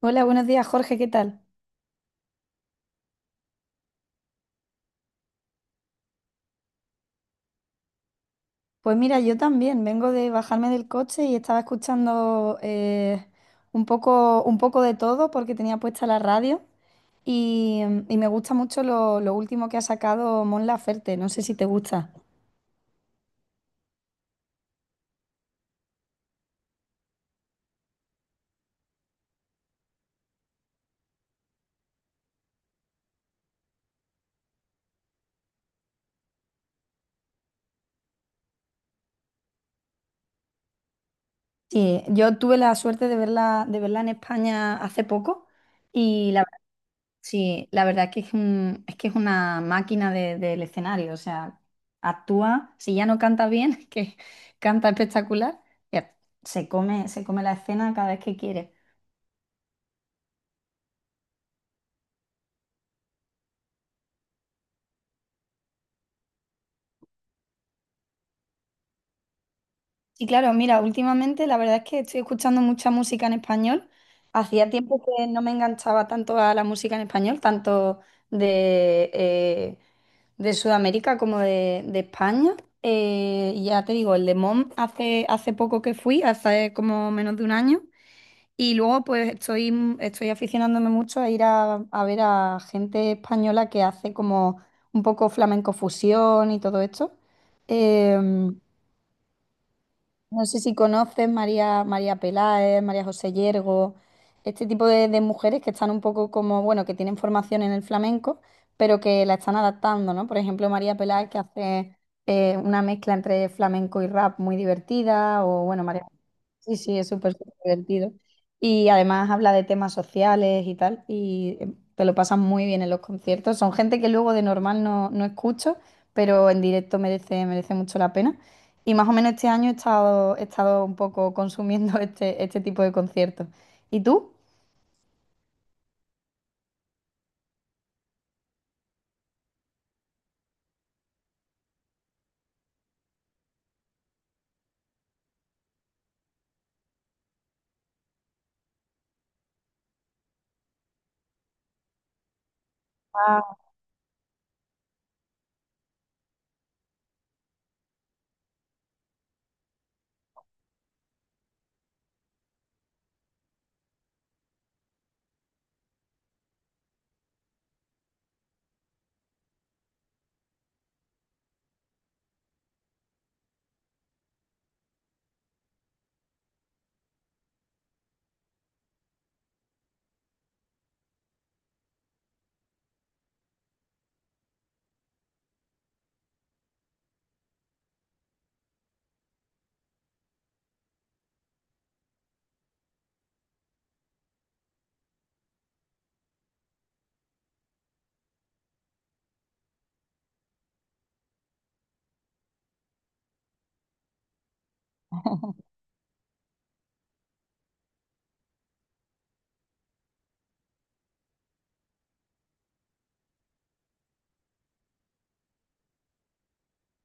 Hola, buenos días, Jorge, ¿qué tal? Pues mira, yo también vengo de bajarme del coche y estaba escuchando un poco de todo porque tenía puesta la radio y y me gusta mucho lo último que ha sacado Mon Laferte, no sé si te gusta. Sí, yo tuve la suerte de verla en España hace poco y la sí, la verdad que es que es una máquina del escenario, o sea, actúa, si ya no canta bien, que canta espectacular, ya, se come la escena cada vez que quiere. Sí, claro, mira, últimamente la verdad es que estoy escuchando mucha música en español. Hacía tiempo que no me enganchaba tanto a la música en español, tanto de, eh, de Sudamérica como de España. Ya te digo, el de Mom hace, hace poco que fui, hace como menos de un año. Y luego pues estoy, estoy aficionándome mucho a ir a ver a gente española que hace como un poco flamenco fusión y todo esto. Em, no sé si conoces María, María Peláez, María José Yergo, este tipo de mujeres que están un poco como, bueno, que tienen formación en el flamenco, pero que la están adaptando, ¿no? Por ejemplo, María Peláez que hace una mezcla entre flamenco y rap muy divertida, o bueno, María. Sí, sí, es súper, súper divertido. Y además habla de temas sociales y tal, y te lo pasan muy bien en los conciertos. Son gente que luego de normal no, no escucho, pero en directo merece, merece mucho la pena. Y más o menos este año he estado un poco consumiendo este tipo de conciertos. ¿Y tú?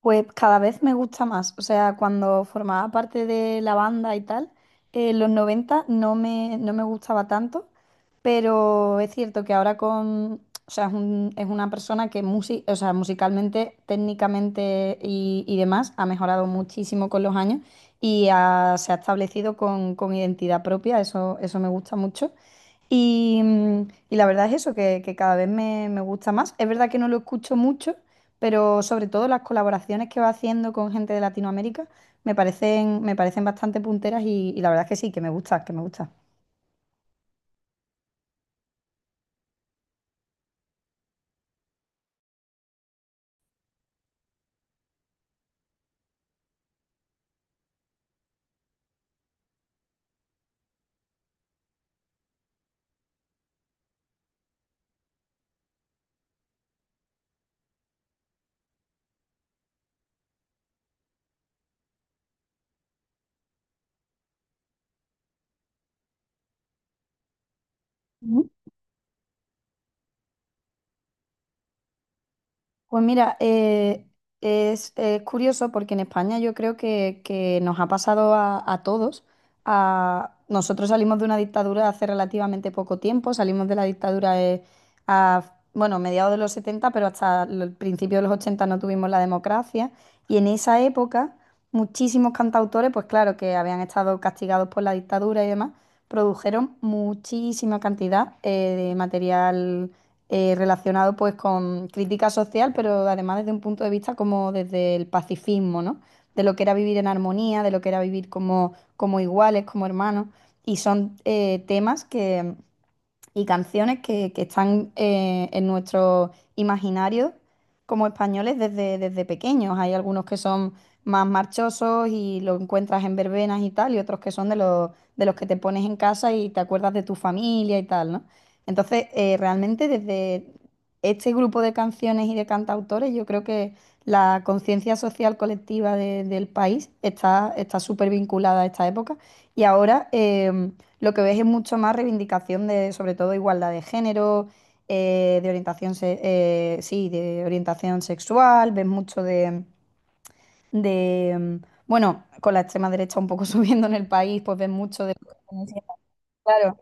Pues cada vez me gusta más. O sea, cuando formaba parte de la banda y tal, los 90 no me, no me gustaba tanto, pero es cierto que ahora con... O sea, es una persona o sea, musicalmente, técnicamente y demás ha mejorado muchísimo con los años y se ha establecido con identidad propia. Eso me gusta mucho. Y y la verdad es eso, que cada vez me, me gusta más. Es verdad que no lo escucho mucho, pero sobre todo las colaboraciones que va haciendo con gente de Latinoamérica me parecen bastante punteras y la verdad es que sí, que me gusta, que me gusta. Pues mira, es curioso porque en España yo creo que nos ha pasado a todos. Nosotros salimos de una dictadura hace relativamente poco tiempo, salimos de la dictadura a, bueno, mediados de los 70, pero hasta el principio de los 80 no tuvimos la democracia. Y en esa época, muchísimos cantautores, pues claro, que habían estado castigados por la dictadura y demás, produjeron muchísima cantidad de material relacionado pues con crítica social, pero además desde un punto de vista como desde el pacifismo, ¿no? De lo que era vivir en armonía, de lo que era vivir como, como iguales, como hermanos. Y son temas que y canciones que están en nuestro imaginario como españoles desde, desde pequeños. Hay algunos que son más marchosos y lo encuentras en verbenas y tal, y otros que son de los que te pones en casa y te acuerdas de tu familia y tal, ¿no? Entonces, realmente desde este grupo de canciones y de cantautores, yo creo que la conciencia social colectiva del país está está súper vinculada a esta época. Y ahora, lo que ves es mucho más reivindicación de, sobre todo, igualdad de género, de orientación, sí, de orientación sexual, ves mucho de, de, mm, bueno, con la extrema derecha un poco subiendo en el país, pues ves mucho de... Claro,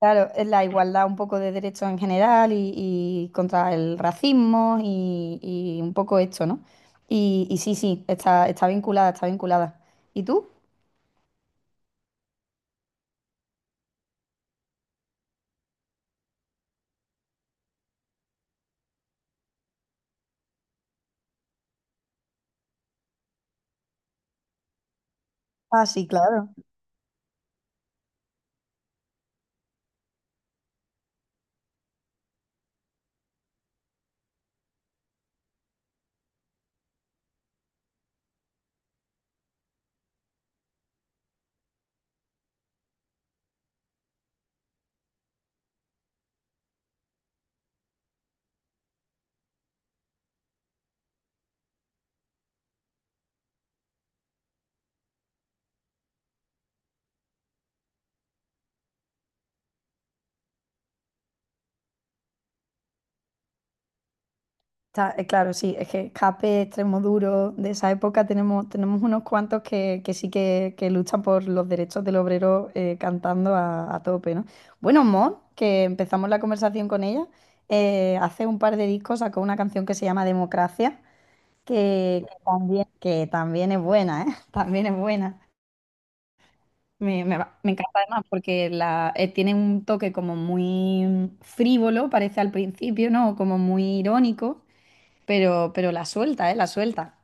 claro, es la igualdad un poco de derechos en general y contra el racismo y un poco esto, ¿no? Y sí, sí, está, está vinculada, está vinculada. ¿Y tú? Ah, sí, claro. Claro, sí, es que Escape, Extremo Duro, de esa época tenemos, tenemos unos cuantos que sí que luchan por los derechos del obrero cantando a tope, ¿no? Bueno, Mon, que empezamos la conversación con ella, hace un par de discos sacó una canción que se llama Democracia, que también es buena, ¿eh? También es buena. Me encanta además porque la, tiene un toque como muy frívolo, parece al principio, ¿no? Como muy irónico pero la suelta, ¿eh? La suelta.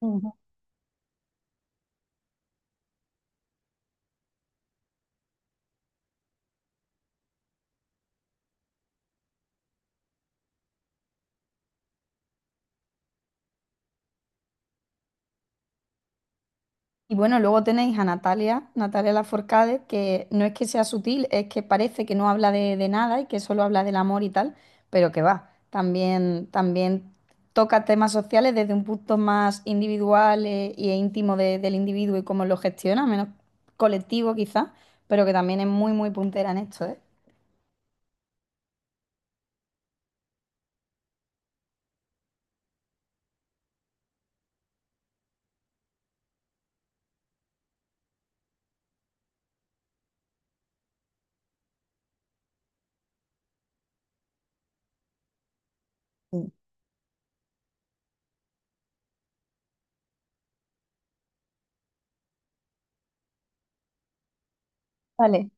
Ujú. Y bueno, luego tenéis a Natalia, Natalia Lafourcade, que no es que sea sutil, es que parece que no habla de nada y que solo habla del amor y tal, pero que va, también, también toca temas sociales desde un punto más individual e íntimo del individuo y cómo lo gestiona, menos colectivo quizás, pero que también es muy, muy puntera en esto, ¿eh? Vale.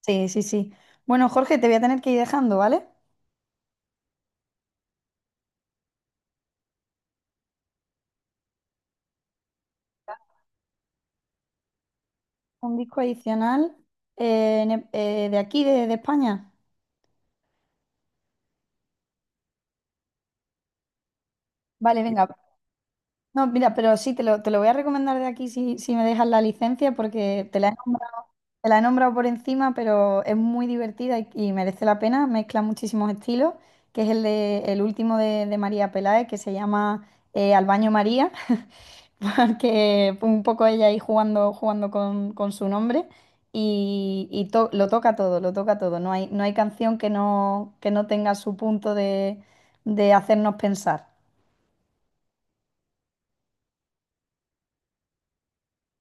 Sí, sí, sí. Bueno, Jorge, te voy a tener que ir dejando, ¿vale? Un disco adicional de aquí, de España. Vale, sí, venga. No, mira, pero sí, te lo voy a recomendar de aquí si, si me dejas la licencia, porque te la he nombrado, te la he nombrado por encima, pero es muy divertida y merece la pena. Mezcla muchísimos estilos, que es el, de, el último de María Peláez, que se llama Al baño María. Porque fue un poco ella ahí jugando, jugando con su nombre y, lo toca todo, lo toca todo. No hay, no hay canción que no tenga su punto de hacernos pensar.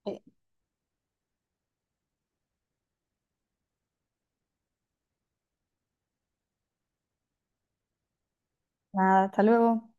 Eh, Nada, hasta luego.